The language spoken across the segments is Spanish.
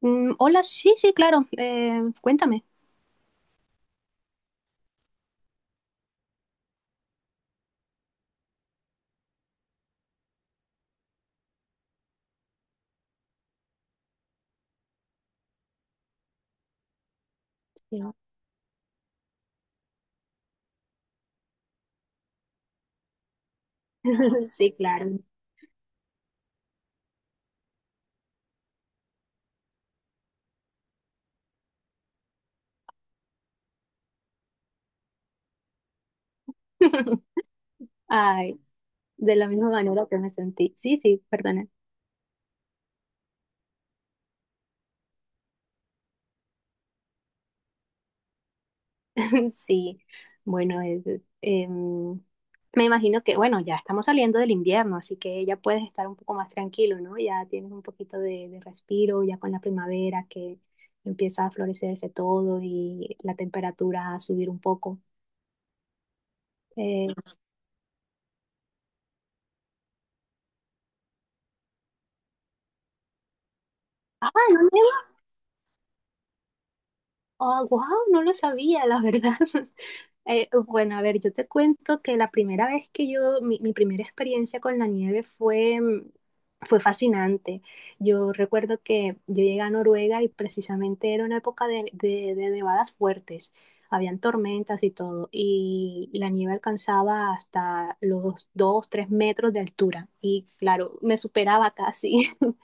Hola, sí, sí, claro. Cuéntame. Sí. Sí, claro. Ay, de la misma manera que me sentí. Sí, sí, perdona. Sí, bueno, es- em, me imagino que, bueno, ya estamos saliendo del invierno, así que ya puedes estar un poco más tranquilo, ¿no? Ya tienes un poquito de respiro, ya con la primavera que empieza a florecerse todo y la temperatura a subir un poco. Eh, ah, ¿no nieva? Ah, wow, no lo sabía, la verdad. Bueno, a ver, yo te cuento que la primera vez que mi primera experiencia con la nieve fue fue fascinante. Yo recuerdo que yo llegué a Noruega y precisamente era una época de nevadas fuertes. Habían tormentas y todo, y la nieve alcanzaba hasta los 2 3 metros de altura. Y claro, me superaba casi.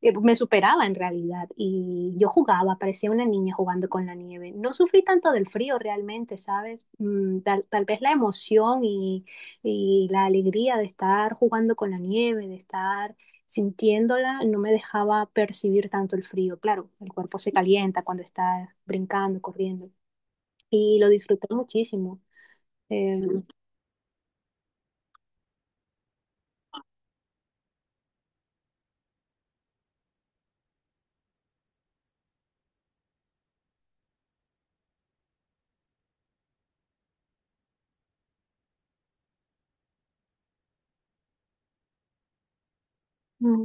me superaba en realidad y yo jugaba, parecía una niña jugando con la nieve. No sufrí tanto del frío realmente, ¿sabes? Tal vez la emoción y la alegría de estar jugando con la nieve, de estar sintiéndola, no me dejaba percibir tanto el frío. Claro, el cuerpo se calienta cuando estás brincando, corriendo y lo disfruté muchísimo. Eh, mm,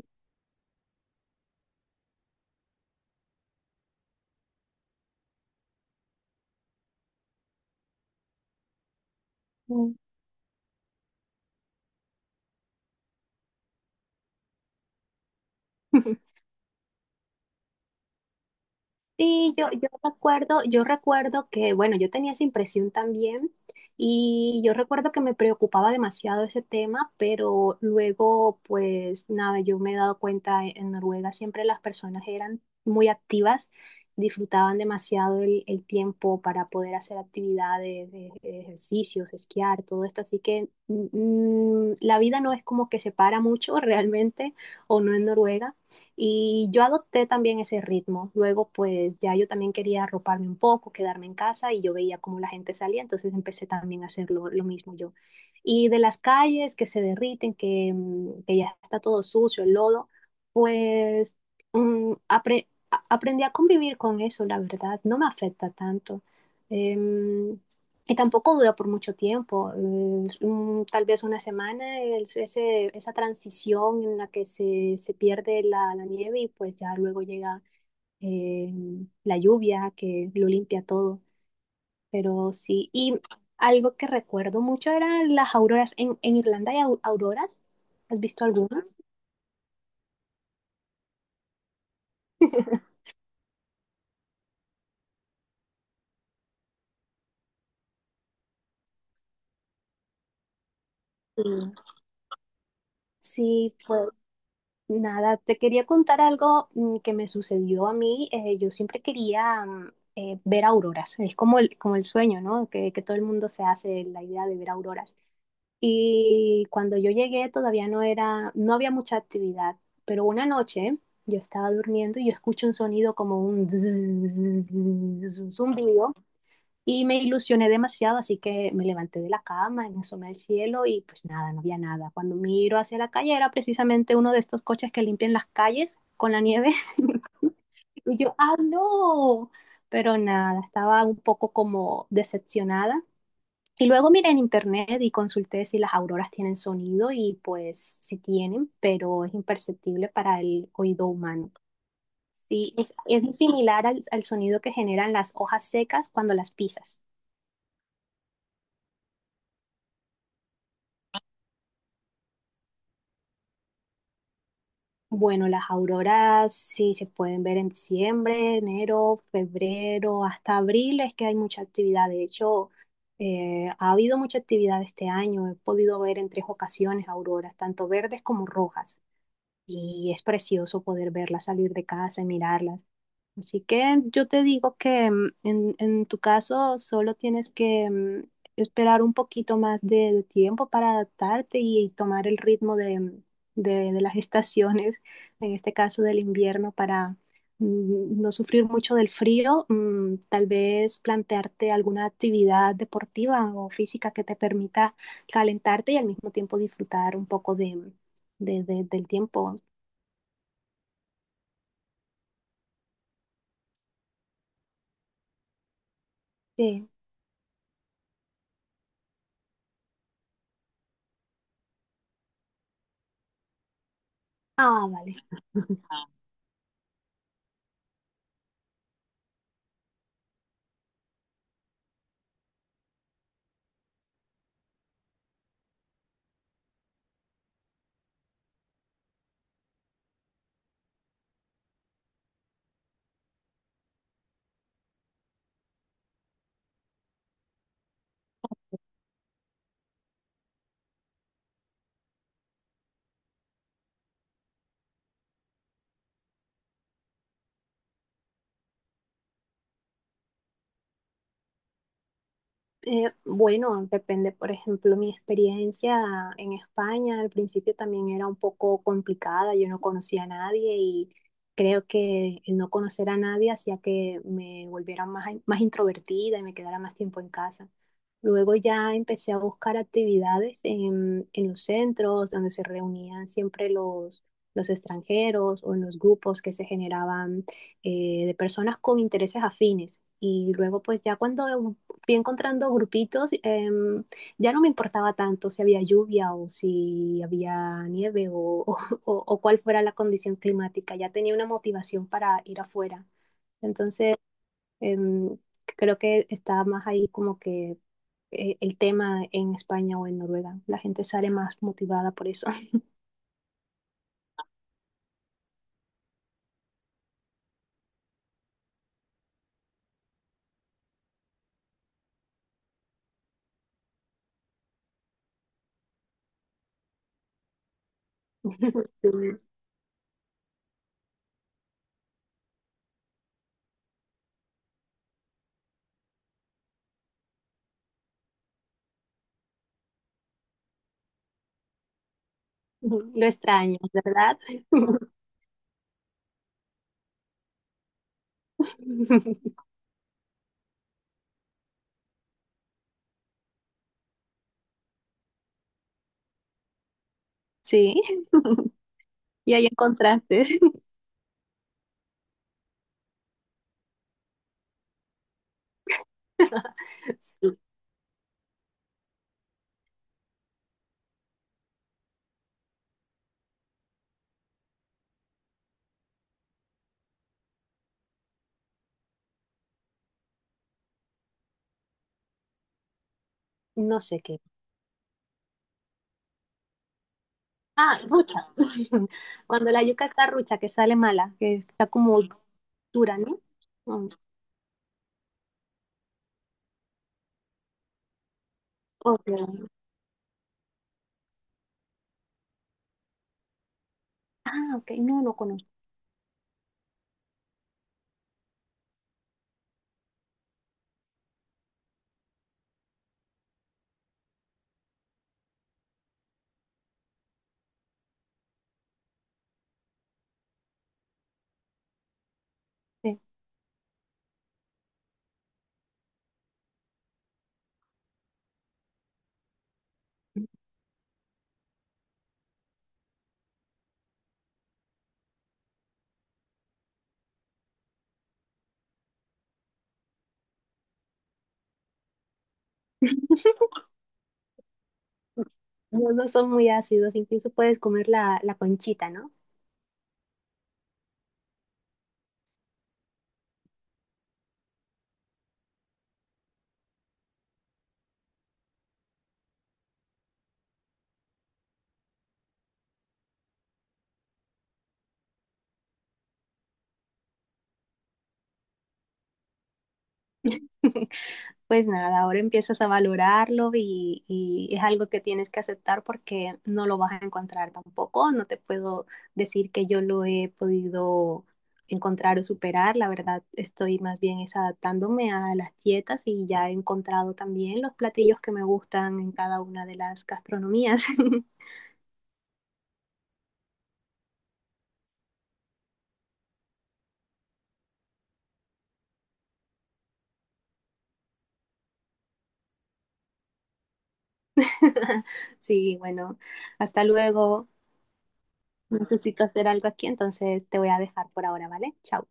mm. Sí, yo recuerdo que, bueno, yo tenía esa impresión también y yo recuerdo que me preocupaba demasiado ese tema, pero luego, pues nada, yo me he dado cuenta, en Noruega siempre las personas eran muy activas, disfrutaban demasiado el tiempo para poder hacer actividades, de ejercicios, esquiar, todo esto, así que la vida no es como que se para mucho realmente, o no en Noruega y yo adopté también ese ritmo. Luego, pues ya yo también quería arroparme un poco, quedarme en casa y yo veía cómo la gente salía, entonces empecé también a hacer lo mismo yo. Y de las calles que se derriten, que ya está todo sucio, el lodo, pues aprendí a convivir con eso, la verdad, no me afecta tanto. Em, y tampoco dura por mucho tiempo, tal vez una semana, esa transición en la que se pierde la nieve y pues ya luego llega eh, la lluvia que lo limpia todo. Pero sí, y algo que recuerdo mucho eran las auroras. En Irlanda hay auroras. ¿Has visto alguna? Sí. Sí, nada, te quería contar algo que me sucedió a mí. Yo siempre quería ver auroras. Es como como el sueño, ¿no? Que todo el mundo se hace la idea de ver auroras. Y cuando yo llegué todavía no era, no había mucha actividad. Pero una noche yo estaba durmiendo y yo escucho un sonido como un zzzz, un zumbido y me ilusioné demasiado, así que me levanté de la cama, me asomé al cielo y pues nada, no había nada. Cuando miro hacia la calle era precisamente uno de estos coches que limpian las calles con la nieve. Y yo, ¡ah, no! Pero nada, estaba un poco como decepcionada. Y luego miré en internet y consulté si las auroras tienen sonido y pues sí tienen, pero es imperceptible para el oído humano. Sí, es muy similar al sonido que generan las hojas secas cuando las pisas. Bueno, las auroras sí se pueden ver en diciembre, enero, febrero, hasta abril es que hay mucha actividad. De hecho, ha habido mucha actividad este año. He podido ver en 3 ocasiones auroras, tanto verdes como rojas. Y es precioso poder verlas salir de casa y mirarlas. Así que yo te digo que en tu caso solo tienes que esperar un poquito más de tiempo para adaptarte y, tomar el ritmo de de las estaciones, en este caso del invierno, para no sufrir mucho del frío. Tal vez plantearte alguna actividad deportiva o física que te permita calentarte y al mismo tiempo disfrutar un poco de, mm, de- del tiempo. Sí. Ah, vale. Bueno, depende, por ejemplo, mi experiencia en España al principio también era un poco complicada, yo no conocía a nadie y creo que el no conocer a nadie hacía que me volviera más introvertida y me quedara más tiempo en casa. Luego ya empecé a buscar actividades en los centros donde se reunían siempre los extranjeros o en los grupos que se generaban de personas con intereses afines. Y luego pues ya cuando fui encontrando grupitos, ya no me importaba tanto si había lluvia o si había nieve o cuál fuera la condición climática, ya tenía una motivación para ir afuera. Entonces, em, creo que está más ahí como que el tema en España o en Noruega. La gente sale más motivada por eso. Sí. Lo extraño, ¿verdad? Sí. Y ahí encontraste. Sí. No sé qué. Ah, rucha. Cuando la yuca está rucha, que sale mala, que está como dura, ¿no? Mm, ok. Ah, ok, no, no conozco. Sí. No, no son muy ácidos, incluso puedes comer la conchita, ¿no? pues nada, ahora empiezas a valorarlo y es algo que tienes que aceptar porque no lo vas a encontrar tampoco. No te puedo decir que yo lo he podido encontrar o superar. La verdad, estoy más bien es adaptándome a las dietas y ya he encontrado también los platillos que me gustan en cada una de las gastronomías. Sí, bueno, hasta luego. Necesito hacer algo aquí, entonces te voy a dejar por ahora, ¿vale? Chao.